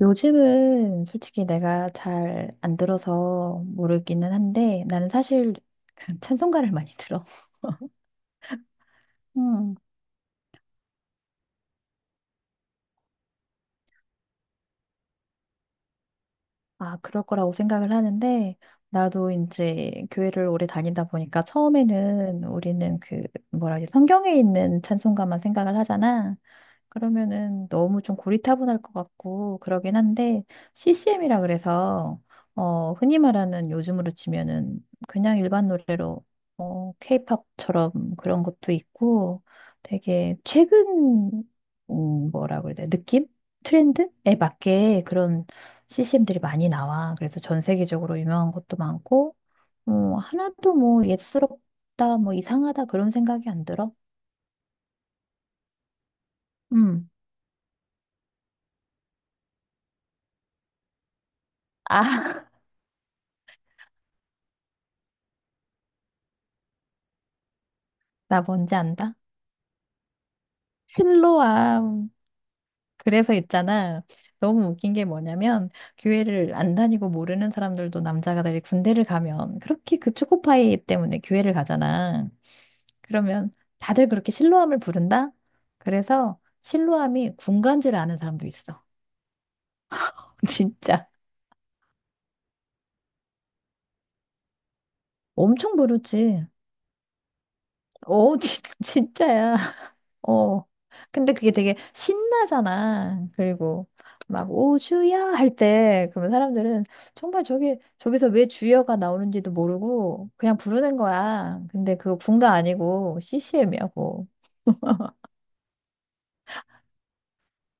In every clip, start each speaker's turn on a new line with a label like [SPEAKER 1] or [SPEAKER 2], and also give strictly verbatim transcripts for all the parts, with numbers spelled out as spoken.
[SPEAKER 1] 요즘은 솔직히 내가 잘 안 들어서 모르기는 한데 나는 사실 그 찬송가를 많이 들어. 음. 아, 그럴 거라고 생각을 하는데 나도 이제 교회를 오래 다니다 보니까 처음에는 우리는 그 뭐라 하지, 성경에 있는 찬송가만 생각을 하잖아. 그러면은 너무 좀 고리타분할 것 같고 그러긴 한데, 씨씨엠이라 그래서, 어 흔히 말하는 요즘으로 치면은 그냥 일반 노래로, 어 케이팝처럼 그런 것도 있고 되게 최근, 음 뭐라 그래야 돼, 느낌 트렌드에 맞게 그런 씨씨엠들이 많이 나와. 그래서 전 세계적으로 유명한 것도 많고, 어 하나도 뭐 옛스럽다 뭐 이상하다 그런 생각이 안 들어. 음 아, 나 뭔지 안다. 실로암. 그래서 있잖아, 너무 웃긴 게 뭐냐면, 교회를 안 다니고 모르는 사람들도 남자가 다 군대를 가면 그렇게 그 초코파이 때문에 교회를 가잖아. 그러면 다들 그렇게 실로암을 부른다? 그래서 실로암이 군간지를 아는 사람도 있어. 진짜. 엄청 부르지. 어, 진, 진짜야. 어. 근데 그게 되게 신나잖아. 그리고 막 오주야 할 때, 그러면 사람들은 정말 저기, 저기서 왜 주여가 나오는지도 모르고 그냥 부르는 거야. 근데 그거 군가 아니고 씨씨엠이라고.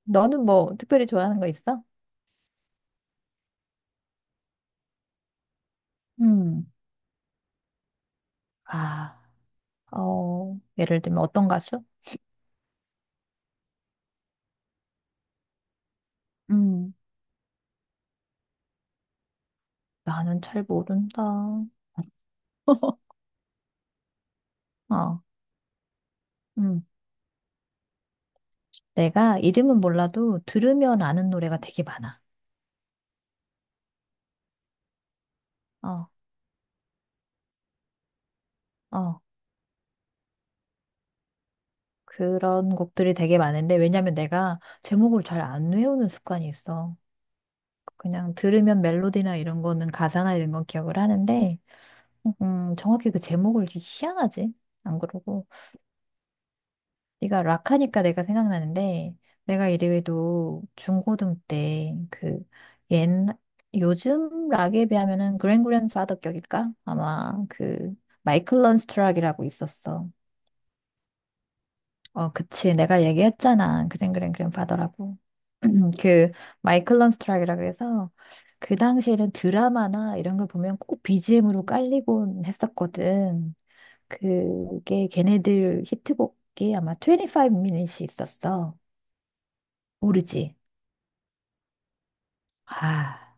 [SPEAKER 1] 너는 뭐 특별히 좋아하는 거 있어? 음, 아, 어, 예를 들면 어떤 가수? 음, 나는 잘 모른다. 어, 음. 내가 이름은 몰라도 들으면 아는 노래가 되게 많아. 어, 어. 그런 곡들이 되게 많은데, 왜냐면 내가 제목을 잘 안 외우는 습관이 있어. 그냥 들으면 멜로디나 이런 거는, 가사나 이런 건 기억을 하는데, 음, 정확히 그 제목을 되게, 희한하지? 안 그러고, 네가 락 하니까 내가 생각나는데, 내가 이래도 중고등 때그 옛 요즘 락에 비하면은 그랜그랜파더 격일까? 아마 그 마이클 런스트락이라고 있었어. 어, 그치. 내가 얘기했잖아, 그랭, 그랭, 그랭 파더라고. 그, 마이클 런스트락이라 그래서, 그 당시에는 드라마나 이런 거 보면 꼭 비지엠으로 깔리곤 했었거든. 그게 걔네들 히트곡이 아마 이 오 엠 아이 엔 이 있었어. 모르지? 아,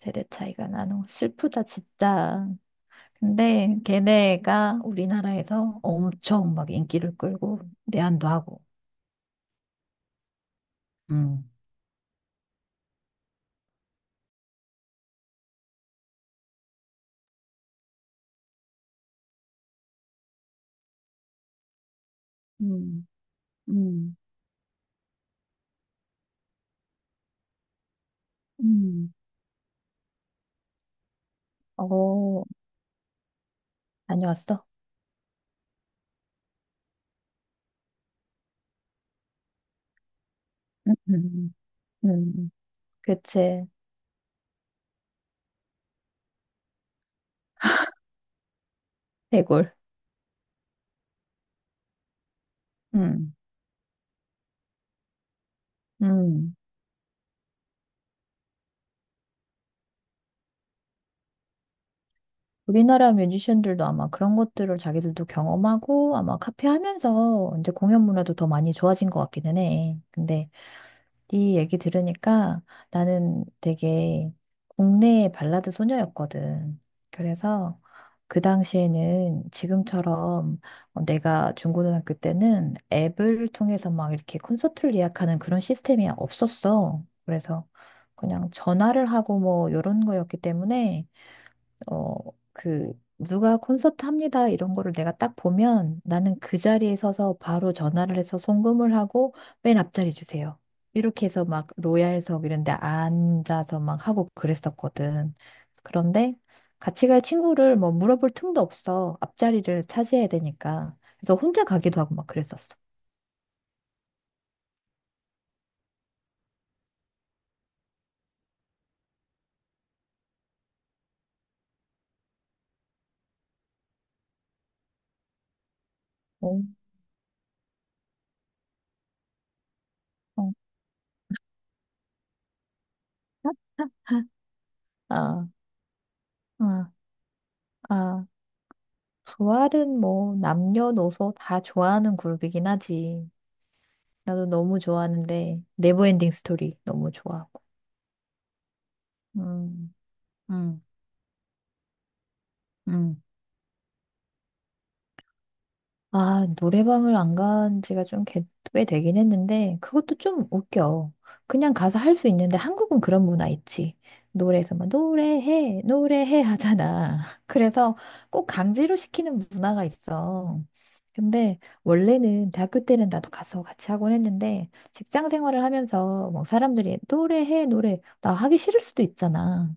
[SPEAKER 1] 세대 차이가 나노. 슬프다, 진짜. 근데 걔네가 우리나라에서 엄청 막 인기를 끌고 내한도 하고. 음. 음, 음, 음. 어, 다녀왔어? 음, 음, 음. 그치. 대골. 음, 음. 우리나라 뮤지션들도 아마 그런 것들을 자기들도 경험하고, 아마 카피하면서 이제 공연 문화도 더 많이 좋아진 것 같기는 해. 근데 네 얘기 들으니까 나는 되게 국내 발라드 소녀였거든. 그래서 그 당시에는 지금처럼, 어, 내가 중고등학교 때는 앱을 통해서 막 이렇게 콘서트를 예약하는 그런 시스템이 없었어. 그래서 그냥 전화를 하고 뭐 이런 거였기 때문에, 어, 그, 누가 콘서트 합니다, 이런 거를 내가 딱 보면 나는 그 자리에 서서 바로 전화를 해서 송금을 하고, 맨 앞자리 주세요, 이렇게 해서 막 로얄석 이런 데 앉아서 막 하고 그랬었거든. 그런데 같이 갈 친구를 뭐 물어볼 틈도 없어. 앞자리를 차지해야 되니까. 그래서 혼자 가기도 하고 막 그랬었어. 어, 어, 아, 아, 아. 부활은 뭐 남녀노소 다 좋아하는 그룹이긴 하지. 나도 너무 좋아하는데 네버엔딩 스토리 너무 좋아하고. 음, 음, 음. 아, 노래방을 안 간 지가 좀 개- 꽤 되긴 했는데, 그것도 좀 웃겨. 그냥 가서 할 수 있는데, 한국은 그런 문화 있지. 노래에서 막 노래해, 노래해 하잖아. 그래서 꼭 강제로 시키는 문화가 있어. 근데 원래는 대학교 때는 나도 가서 같이 하곤 했는데, 직장 생활을 하면서 뭐 사람들이 노래해, 노래 나 하기 싫을 수도 있잖아.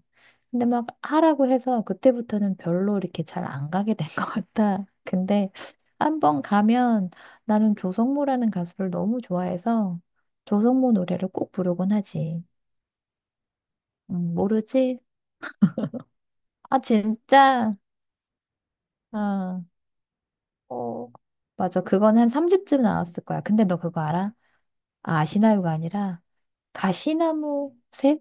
[SPEAKER 1] 근데 막 하라고 해서 그때부터는 별로 이렇게 잘 안 가게 된 것 같아. 근데 한 번 가면, 나는 조성모라는 가수를 너무 좋아해서 조성모 노래를 꼭 부르곤 하지. 음, 모르지? 아, 진짜? 어. 어, 맞아. 그건 한 삼 집쯤 나왔을 거야. 근데 너 그거 알아? 아, 아시나요가 아니라 가시나무 새?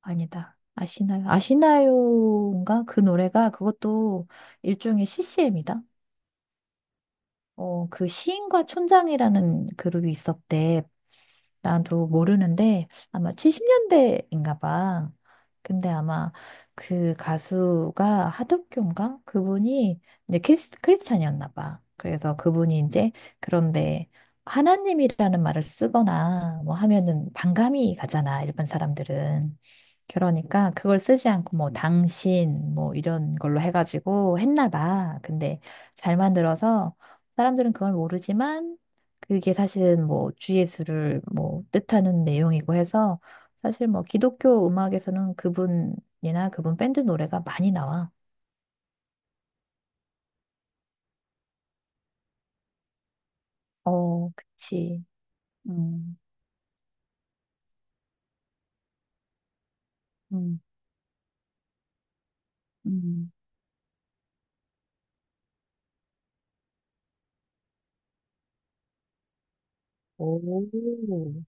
[SPEAKER 1] 아니다, 아시나요? 아시나요인가? 그 노래가, 그것도 일종의 씨씨엠이다. 어, 그 시인과 촌장이라는 그룹이 있었대. 나도 모르는데, 아마 칠십 년대인가 봐. 근데 아마 그 가수가 하덕규인가? 그분이 이제 크리스, 크리스찬이었나 봐. 그래서 그분이 이제, 그런데 하나님이라는 말을 쓰거나 뭐 하면은 반감이 가잖아, 일반 사람들은. 그러니까 그걸 쓰지 않고 뭐 당신 뭐 이런 걸로 해가지고 했나 봐. 근데 잘 만들어서 사람들은 그걸 모르지만, 그게 사실은 뭐 주예수를 뭐 뜻하는 내용이고 해서, 사실 뭐 기독교 음악에서는 그분이나 그분 밴드 노래가 많이 나와. 어, 그치. 음. 음, 음. 오.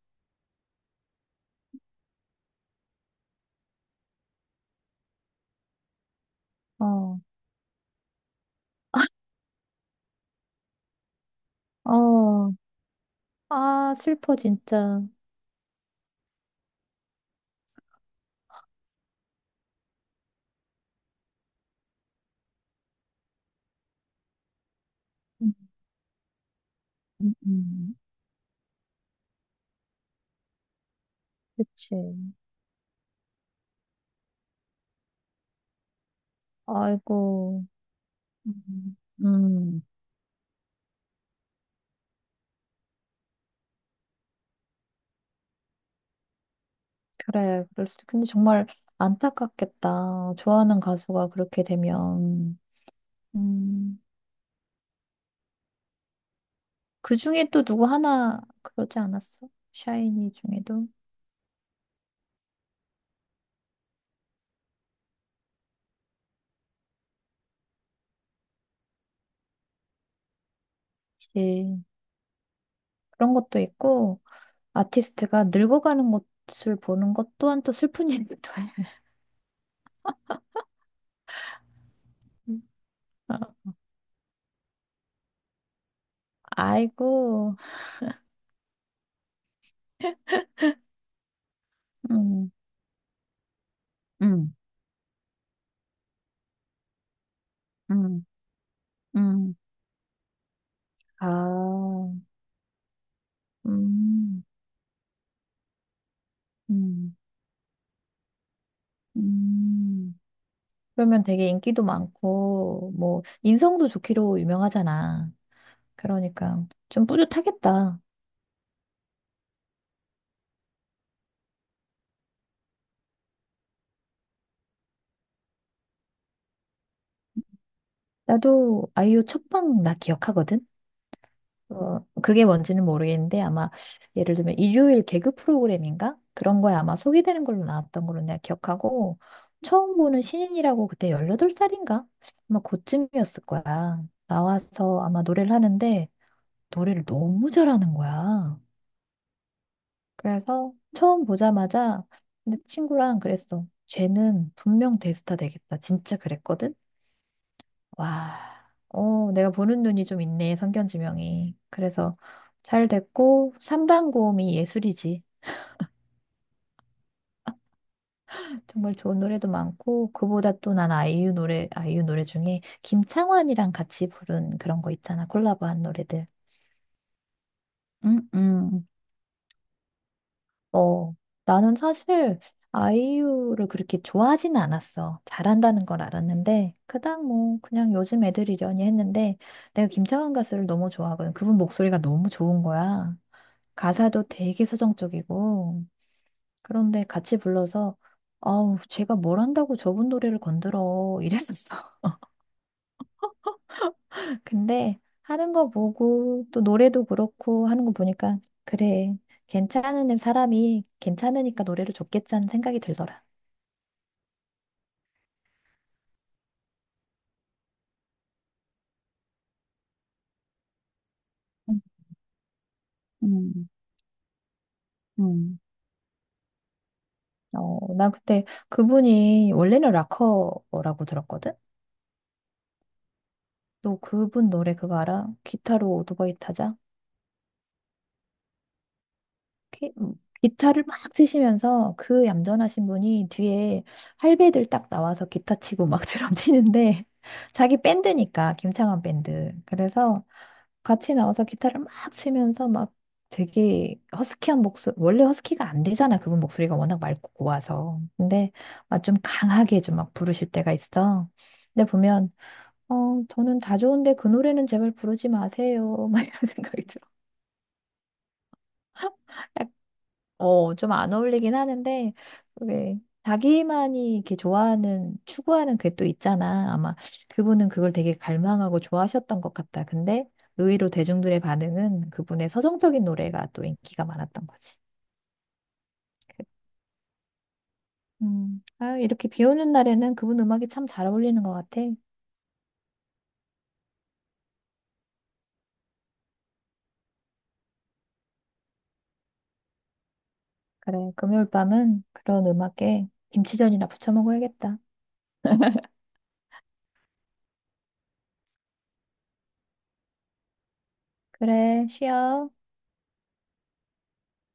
[SPEAKER 1] 어, 어, 아, 슬퍼 진짜. 음, 음, 음. 그치. 아이고. 음, 음. 그래, 그럴 수도. 근데 정말 안타깝겠다. 좋아하는 가수가 그렇게 되면. 음. 그 중에 또 누구 하나 그러지 않았어? 샤이니 중에도. 예. 그런 것도 있고, 아티스트가 늙어가는 것을 보는 것 또한 또 슬픈 일이기도 해. 어, 아이고, 음, 음, 음, 음, 아, 음, 음, 음. 그러면 되게 인기도 많고, 뭐, 인성도 좋기로 유명하잖아. 그러니까 좀 뿌듯하겠다. 나도 아이유 첫 방 나 기억하거든? 어, 그게 뭔지는 모르겠는데, 아마 예를 들면 일요일 개그 프로그램인가? 그런 거에 아마 소개되는 걸로 나왔던 걸로 내가 기억하고, 처음 보는 신인이라고. 그때 열여덟 살인가? 아마 그쯤이었을 거야. 나와서 아마 노래를 하는데, 노래를 너무 잘하는 거야. 그래서 처음 보자마자, 근데 친구랑 그랬어. 쟤는 분명 대스타 되겠다. 진짜 그랬거든? 와, 어, 내가 보는 눈이 좀 있네, 성견지명이. 그래서 잘 됐고, 삼 단 고음이 예술이지. 정말 좋은 노래도 많고, 그보다 또 난 아이유 노래, 아이유 노래 중에 김창완이랑 같이 부른 그런 거 있잖아, 콜라보한 노래들. 음, 음. 어, 나는 사실 아이유를 그렇게 좋아하진 않았어. 잘한다는 걸 알았는데, 그닥 뭐, 그냥 요즘 애들이려니 했는데, 내가 김창완 가수를 너무 좋아하거든. 그분 목소리가 너무 좋은 거야. 가사도 되게 서정적이고, 그런데 같이 불러서, 아우, 제가 뭘 한다고 저분 노래를 건드려, 이랬었어. 근데 하는 거 보고 또 노래도 그렇고 하는 거 보니까, 그래, 괜찮은 사람이 괜찮으니까 노래를 줬겠지 하는 생각이 들더라. 음, 음, 음. 어, 나 그때 그분이 원래는 락커라고 들었거든. 너 그분 노래 그거 알아? 기타로 오토바이 타자? 기, 음, 기타를 막 치시면서, 그 얌전하신 분이 뒤에 할배들 딱 나와서 기타 치고 막 드럼 치는데, 자기 밴드니까, 김창완 밴드. 그래서 같이 나와서 기타를 막 치면서 막, 되게 허스키한 목소리, 원래 허스키가 안 되잖아 그분 목소리가, 워낙 맑고 고와서. 근데 막 좀 강하게 좀 막 부르실 때가 있어. 근데 보면, 어 저는 다 좋은데 그 노래는 제발 부르지 마세요, 막 이런 생각이 들어. 어, 좀 안 어울리긴 하는데, 왜, 자기만이 이렇게 좋아하는, 추구하는 그게 또 있잖아. 아마 그분은 그걸 되게 갈망하고 좋아하셨던 것 같다. 근데 의외로 대중들의 반응은 그분의 서정적인 노래가 또 인기가 많았던 거지. 음, 아유, 이렇게 비 오는 날에는 그분 음악이 참 잘 어울리는 것 같아. 그래, 금요일 밤은 그런 음악에 김치전이나 부쳐 먹어야겠다. 그래, 쉬어.